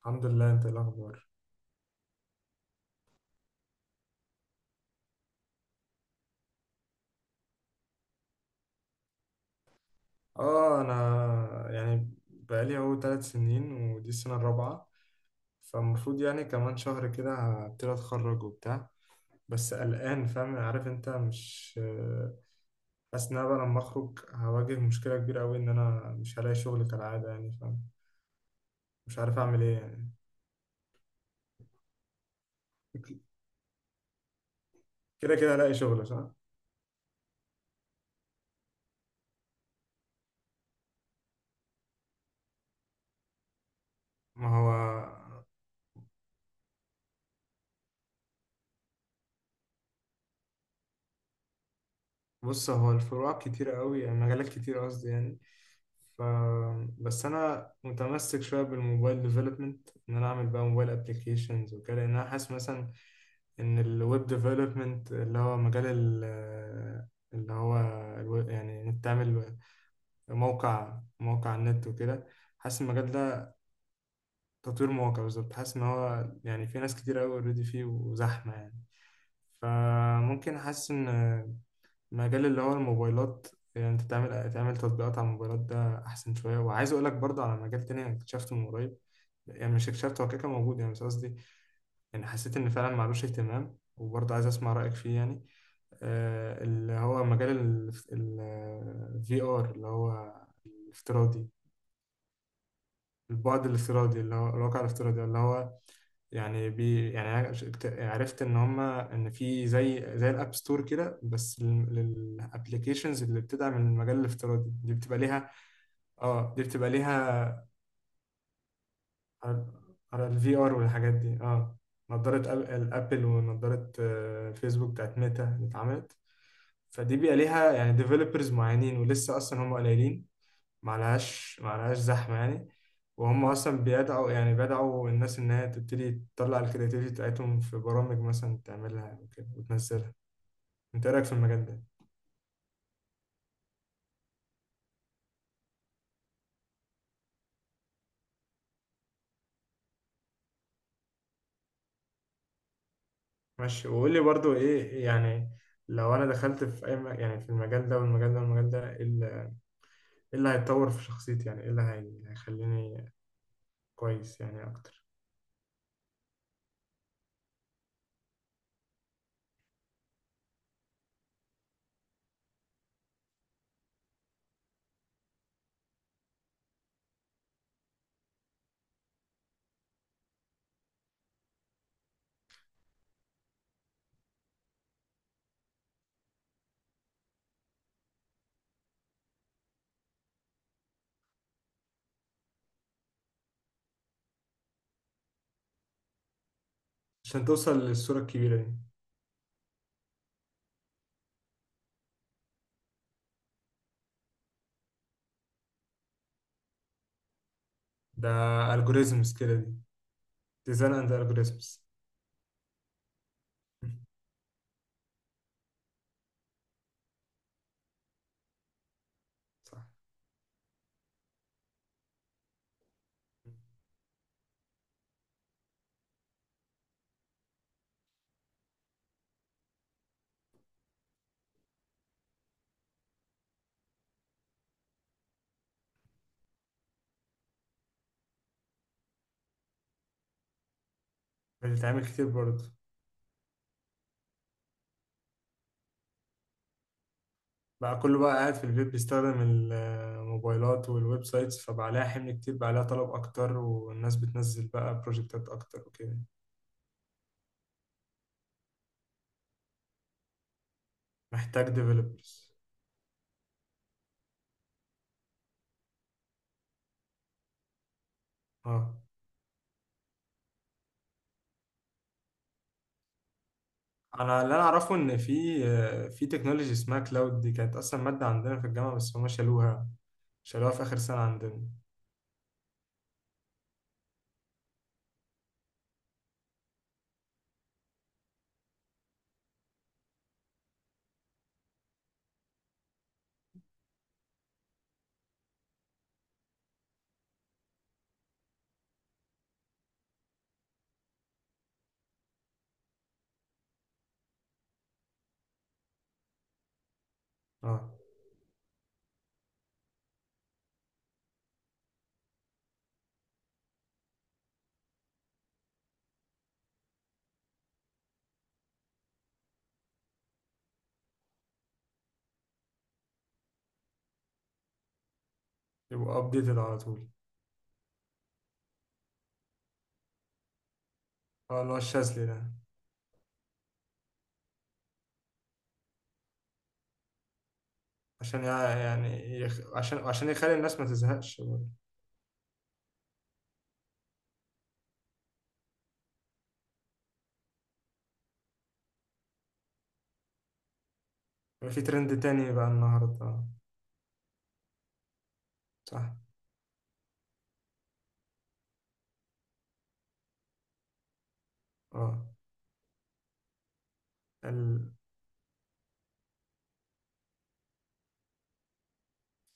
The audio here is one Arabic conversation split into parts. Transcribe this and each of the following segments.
الحمد لله، انت ايه الاخبار؟ اه، انا يعني بقالي اهو 3 سنين ودي السنه الرابعه. فالمفروض يعني كمان شهر كده هبتدي اتخرج وبتاع. بس قلقان فاهم عارف انت مش حاسس ان انا بقى لما اخرج هواجه مشكله كبيره قوي ان انا مش هلاقي شغل كالعاده يعني فاهم. مش عارف اعمل ايه يعني. ك- كده كده هلاقي شغل صح. ما هو بص، هو الفروع كتيرة قوي يعني مجالات كتير قصدي يعني. ف بس انا متمسك شويه بالموبايل ديفلوبمنت ان انا اعمل بقى موبايل ابلكيشنز وكده، لان انا حاسس مثلا ان الويب ديفلوبمنت اللي هو مجال اللي هو يعني انك تعمل موقع على النت وكده. حاسس المجال ده، تطوير مواقع، بالظبط. حاسس ان هو يعني في ناس كتير قوي اوريدي فيه وزحمه يعني. فممكن حاسس ان مجال اللي هو الموبايلات، يعني انت تعمل تطبيقات على الموبايلات، ده احسن شويه. وعايز اقول لك برضه على مجال تاني انا اكتشفته من قريب، يعني مش اكتشفته، هو كده كده موجود يعني بس قصدي، يعني حسيت ان فعلا معلوش اهتمام، وبرضه عايز اسمع رايك فيه يعني. اللي هو مجال الفي ار اللي هو الافتراضي، البعد الافتراضي اللي هو الواقع الافتراضي، اللي هو يعني يعني عرفت ان هما ان في زي الاب ستور كده، بس للابلكيشنز اللي بتدعم المجال الافتراضي دي بتبقى ليها. اه دي بتبقى ليها، على على الفي ار والحاجات دي، اه. نظارة الابل، ونظارة فيسبوك بتاعت ميتا اللي اتعملت، فدي بيبقى ليها يعني ديفلوبرز معينين، ولسه اصلا هم قليلين، معلهاش زحمة يعني. وهم أصلا بيدعوا، يعني بدعوا الناس إن هي تبتدي تطلع الكرياتيفيتي بتاعتهم في برامج مثلا تعملها وكده وتنزلها. أنت إيه رأيك في المجال ده؟ ماشي، وقول لي برضو إيه يعني، لو أنا دخلت في أي يعني في المجال ده والمجال ده والمجال ده، إيه اللي، إيه اللي هيتطور في شخصيتي، يعني إيه اللي هيخليني كويس يعني أكتر. عشان توصل للصورة الكبيرة دي. ده algorithms كده دي، design and algorithms. صح. بتتعمل كتير برضه. بقى كله بقى قاعد في البيت بيستخدم الموبايلات والويب سايتس، فبقى عليها حمل كتير، بقى عليها طلب أكتر، والناس بتنزل بقى بروجكتات أكتر وكده. محتاج ديفلوبرز. اه. أنا اللي أنا أعرفه، إن في تكنولوجي اسمها كلاود، دي كانت أصلا مادة عندنا في الجامعة بس هما شالوها، شالوها في آخر سنة عندنا. اه، يبقوا أبديتد على طول. اه، اللي هو الشاذلي ده. عشان يعني عشان يخلي الناس ما تزهقش برضه. يبقى في ترند تاني بقى النهاردة، اه. صح. اه،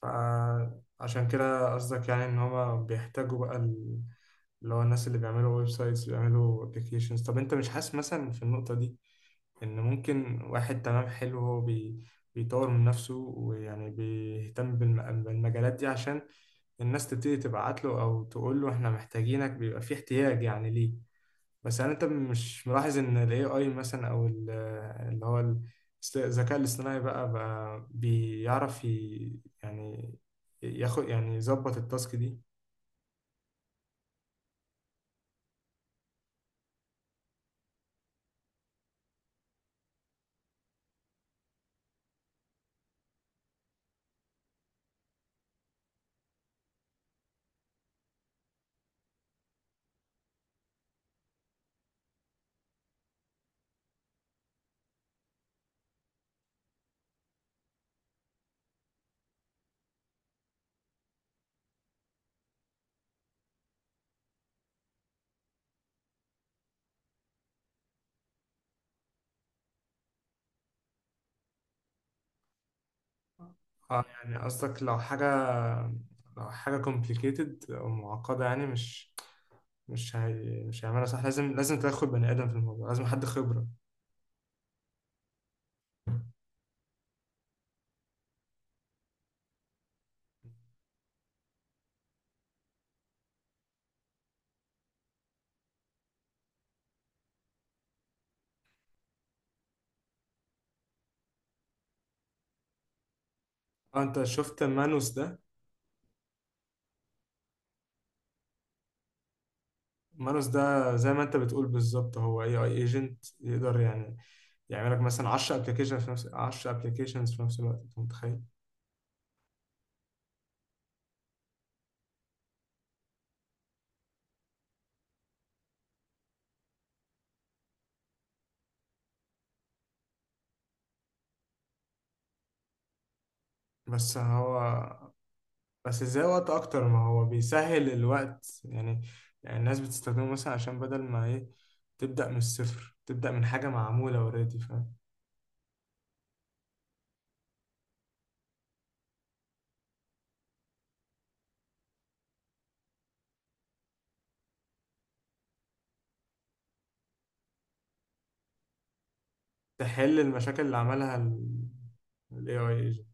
فعشان كده قصدك يعني ان هما بيحتاجوا بقى اللي هو الناس اللي بيعملوا ويب سايتس، اللي بيعملوا ابلكيشنز. طب انت مش حاسس مثلا في النقطة دي، ان ممكن واحد تمام حلو هو بيطور من نفسه ويعني بيهتم بالمجالات دي، عشان الناس تبتدي تبعت له، او تقول له احنا محتاجينك، بيبقى في احتياج يعني ليه. بس يعني انت مش ملاحظ ان ال AI مثلا، او اللي هو ال- الذكاء الاصطناعي بقى بيعرف يعني ياخد، يعني يظبط التاسك دي. اه يعني قصدك لو حاجة، لو حاجة complicated او معقدة، يعني مش هي، مش هيعملها صح، لازم تدخل بني ادم في الموضوع، لازم حد خبرة. اه، انت شفت مانوس ده؟ مانوس ده زي ما انت بتقول بالظبط، هو اي اي ايجنت يقدر يعني يعمل لك مثلا 10 ابلكيشن في نفس 10 ابلكيشنز في نفس الوقت، انت متخيل؟ بس هو بس ازاي وقت اكتر، ما هو بيسهل الوقت يعني. يعني الناس بتستخدمه مثلا عشان بدل ما ايه، تبدأ من الصفر، تبدأ من حاجة معمولة اوريدي، فاهم. تحل المشاكل اللي عملها ال AI.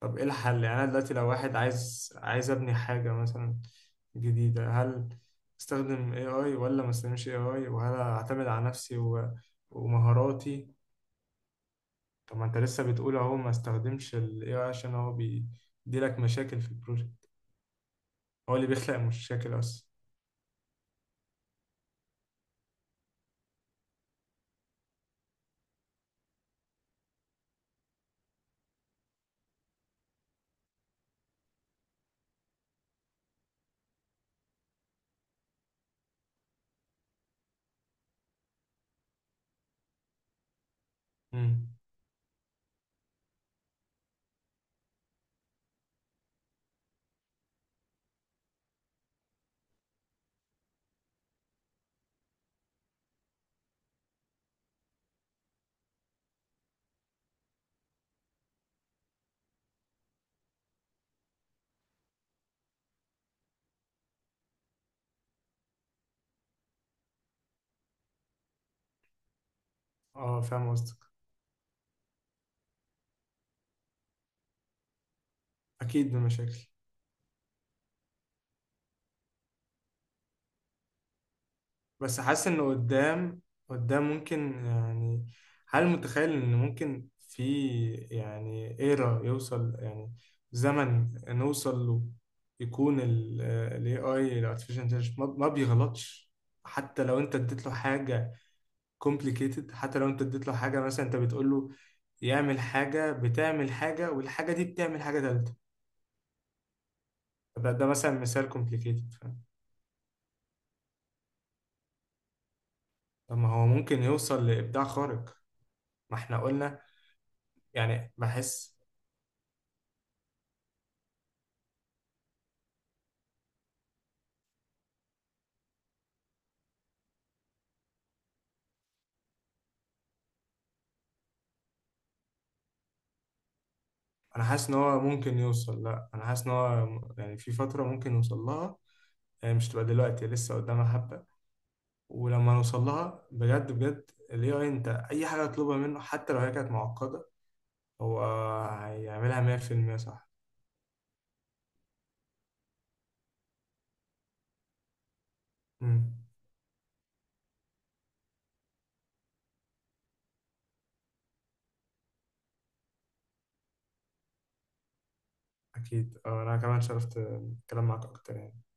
طب ايه الحل يعني؟ انا دلوقتي لو واحد عايز ابني حاجة مثلا جديدة، هل استخدم AI ولا ما استخدمش AI؟ وهل اعتمد على نفسي ومهاراتي؟ طب ما انت لسه بتقول اهو، ما استخدمش ال AI عشان هو بيديلك مشاكل في البروجكت، هو اللي بيخلق مشاكل اصلا. امم. اه، فاهم قصدك. اكيد بمشاكل. بس حاسس إنه قدام، قدام ممكن يعني، هل متخيل إن ممكن في يعني إيرا يوصل، يعني زمن نوصل له يكون ال AI، ال Artificial Intelligence ما بيغلطش، حتى لو أنت اديت له حاجة complicated؟ حتى لو أنت اديت له حاجة، مثلا أنت بتقول له يعمل حاجة بتعمل حاجة، والحاجة دي بتعمل حاجة تالتة، ده مثلا مثال complicated، فاهم؟ طب ما هو ممكن يوصل لإبداع خارق، ما احنا قلنا، يعني بحس، انا حاسس ان هو ممكن يوصل، لا، انا حاسس ان هو يعني في فتره ممكن يوصل لها، يعني مش تبقى دلوقتي لسه قدامها حبه، ولما نوصل لها بجد بجد، الاي اي، انت اي حاجه تطلبها منه حتى لو هي كانت معقده، هو هيعملها 100% صح. امم، اكيد، انا كمان شرفت الكلام معاك اكتر يعني.